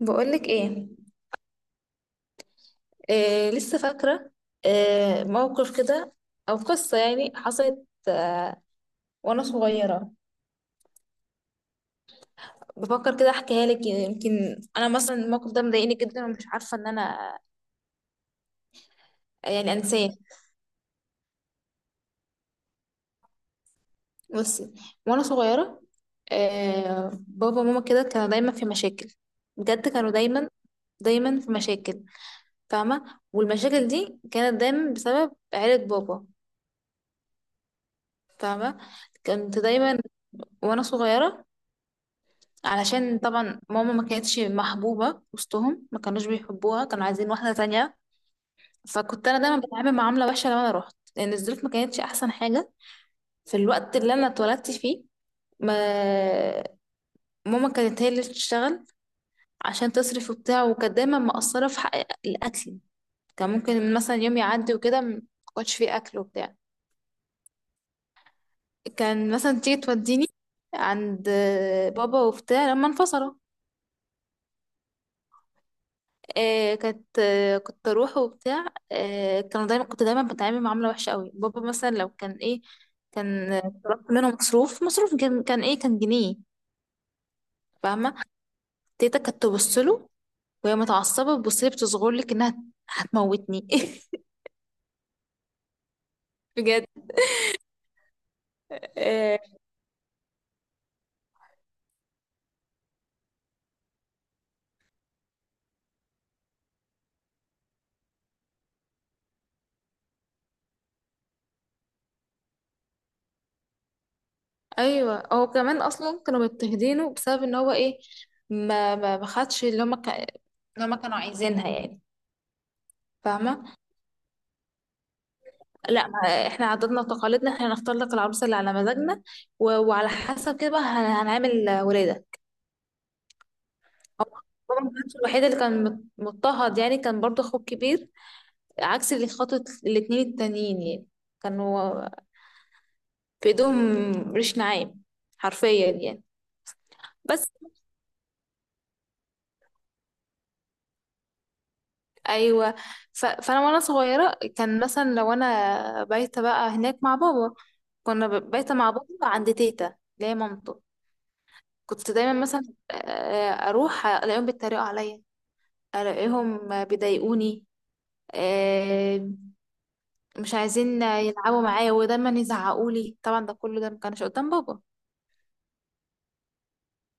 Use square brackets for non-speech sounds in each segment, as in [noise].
بقولك ايه؟ آه، لسه فاكرة. آه، موقف كده او قصة يعني حصلت. وانا صغيرة. بفكر كده احكيها لك، يمكن انا مثلا الموقف ده مضايقني جدا ومش عارفة ان انا يعني انساه. بصي، وانا صغيرة، بابا وماما كده كانوا دايما في مشاكل. بجد كانوا دايما دايما في مشاكل، فاهمة، والمشاكل دي كانت دايما بسبب عيلة بابا. فاهمة، كنت دايما وانا صغيرة، علشان طبعا ماما ما كانتش محبوبة وسطهم، ما كانوش بيحبوها، كانوا عايزين واحدة تانية. فكنت أنا دايما بتعامل معاملة وحشة لما أنا روحت، لأن الظروف ما كانتش أحسن حاجة في الوقت اللي أنا اتولدت فيه. ما ماما كانت هي اللي بتشتغل عشان تصرف وبتاع، وكانت دايما مقصرة في حق الأكل. كان ممكن مثلا يوم يعدي وكده ما كنتش فيه أكل وبتاع. كان مثلا تيجي توديني عند بابا وبتاع لما انفصلوا. آه كانت آه كنت اروح وبتاع. آه كانوا دايما كنت دايما بتعامل معامله وحشه قوي. بابا مثلا لو كان ايه، كان طلبت منه مصروف، مصروف كان كان ايه؟ كان جنيه. فاهمه، تيتا كانت تبص له وهي متعصبه، تبص لي بتصغر لك انها هتموتني. [laughs] بجد. آه. ايوه، هو كمان اصلا كانوا مضطهدينه بسبب ان هو ايه، ما خدش اللي هما اللي هما كانوا عايزينها يعني. فاهمه، لا، ما احنا عاداتنا وتقاليدنا، احنا هنختار لك العروسه اللي على مزاجنا و... وعلى حسب كده بقى هنعمل ولاده. هو بابا ما كانش الوحيد اللي كان مضطهد يعني، كان برضه اخوه الكبير عكس اللي خاطب، الاتنين التانيين يعني كانوا في ايدهم ريش نعام حرفيا يعني. بس ايوه. ف... فانا وانا صغيره كان مثلا لو انا بايته بقى هناك مع بابا، كنا بايته مع بابا عند تيتا اللي هي مامته. كنت دايما مثلا اروح الاقيهم بيتريقوا عليا، الاقيهم بيضايقوني، آه، مش عايزين يلعبوا معايا ودايما يزعقوا لي. طبعا ده كله ده ما كانش قدام بابا،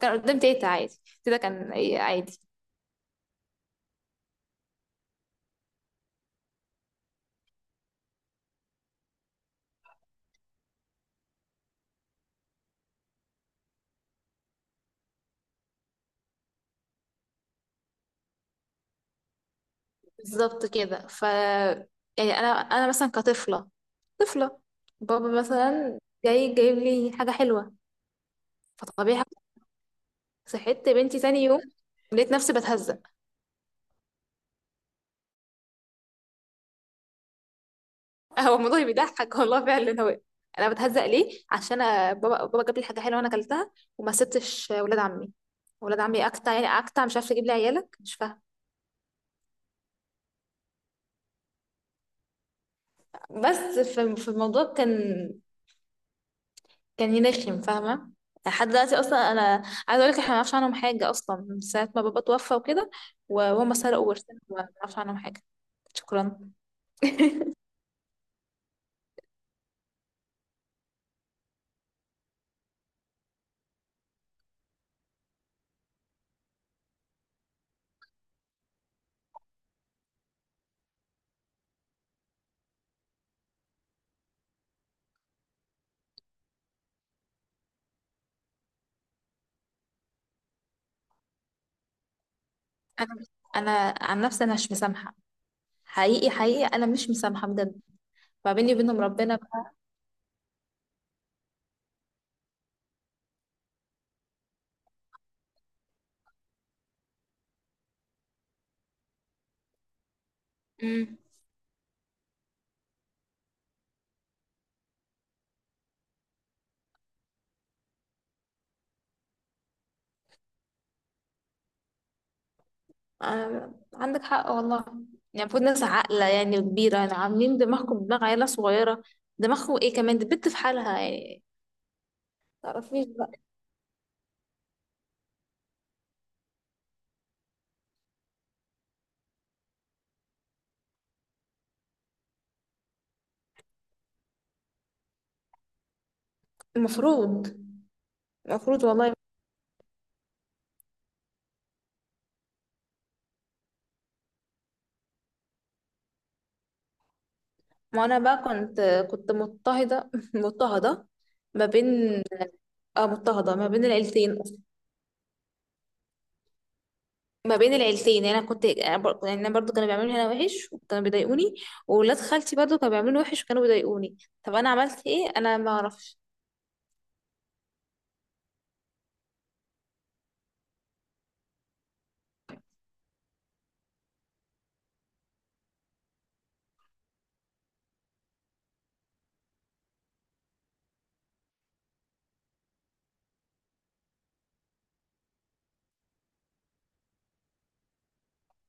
كان قدام تيتا عادي. تيتا كان إيه؟ عادي. بالظبط كده. يعني انا مثلا كطفله، طفله، بابا مثلا جاي جايب لي حاجه حلوه، فطبيعي صحيت بنتي تاني يوم لقيت نفسي بتهزق. [laughs] هو الموضوع بيضحك والله فعلا. هو انا بتهزق ليه؟ عشان أنا بابا جاب لي حاجه حلوه وانا اكلتها وما سبتش ولاد عمي. ولاد عمي اكتع يعني، اكتع، مش عارفه اجيب لي عيالك، مش فاهمه. بس في الموضوع كان، كان ينخم، فاهمه. لحد دلوقتي اصلا انا عايزه اقول لك، احنا ما نعرفش عنهم حاجه اصلا من ساعه ما بابا توفى وكده، وهم سرقوا ورثنا، ما نعرفش عنهم حاجه. شكرا. انا انا عن نفسي انا مش مسامحه، حقيقي حقيقي انا مش مسامحه بجد. ما بيني وبينهم ربنا. بقى. آه، عندك حق والله. يعني المفروض ناس عاقلة يعني كبيرة، يعني عاملين دماغكم دماغ عيلة صغيرة. دماغكم ايه كمان؟ دي بنت في حالها يعني. متعرفيش بقى. المفروض، المفروض والله. ما انا بقى كنت، مضطهدة [laughs] مضطهدة ما بين، اه مضطهدة ما بين العيلتين. ما بين العيلتين، يعني انا كنت يعني انا برضو كانوا بيعملولي انا وحش وكانوا بيضايقوني، وولاد خالتي برضو كانوا بيعملوني وحش وكانوا بيضايقوني. طب انا عملت ايه؟ انا ما اعرفش.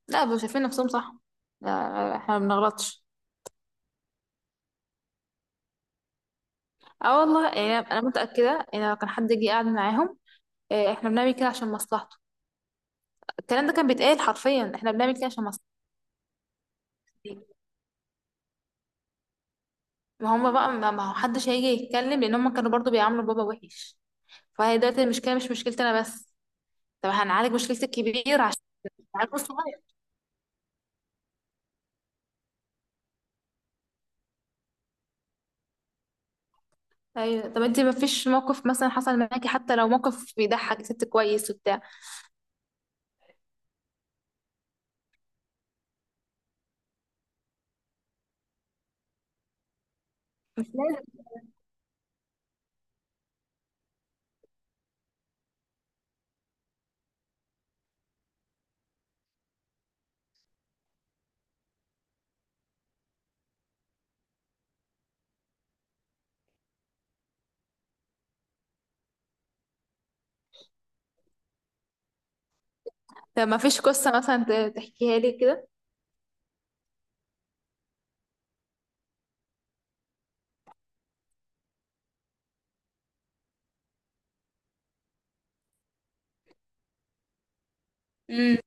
لا، مش شايفين نفسهم صح. لا، احنا ما بنغلطش. اه والله، يعني انا متاكده ان لو كان حد جه قاعد معاهم، احنا بنعمل كده عشان مصلحته، الكلام ده كان بيتقال حرفيا، احنا بنعمل كده عشان مصلحته. ما هم بقى، ما ما هو حدش هيجي يتكلم لان هم كانوا برضو بيعاملوا بابا وحش. فهي دلوقتي المشكله مش مشكلتي انا بس. طب هنعالج مشكلتي الكبير عشان نعالج الصغير. ايوه. طب انت ما فيش موقف مثلا حصل معاكي، حتى لو موقف بيضحك ست كويس وبتاع؟ مش لازم. طب ما فيش قصه مثلا تحكيها لي كده؟ امم.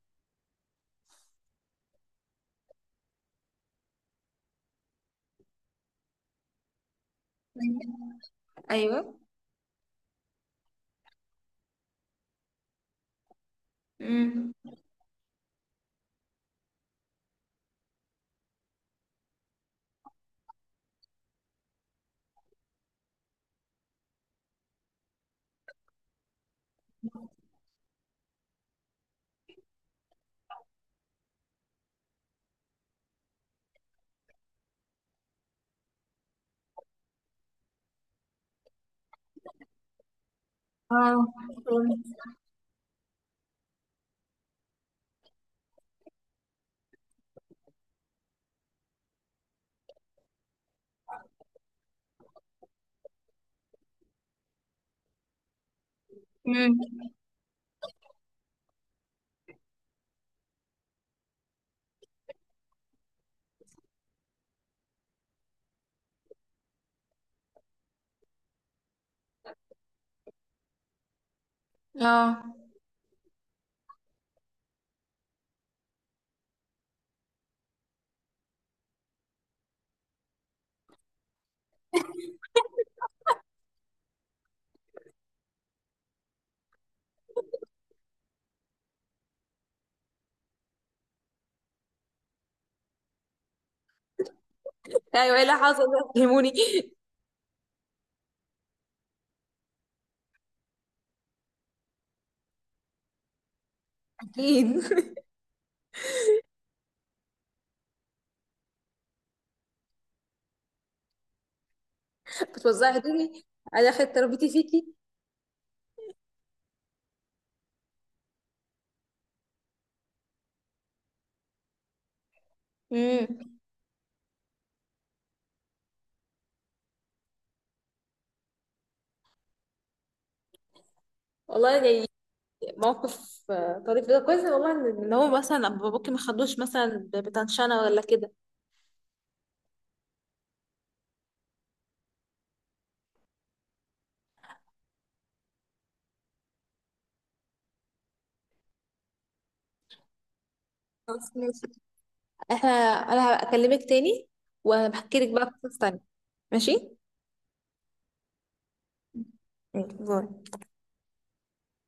ايوه. امم. اه. امم. اه. ايوه، ايه اللي حصل ده؟ فهموني. [laughs] اكيد. [laughs] بتوزعي هدومي. انا اخدت تربيتي فيكي. امم. والله يعني موقف طريف ده كويس. والله ان هو مثلا أبو باباكي ما خدوش مثلا بتنشنه ولا كده. خلاص ماشي، احنا، انا هكلمك تاني وهبحكي لك بقى قصص تانية. ماشي. ماشي، باي.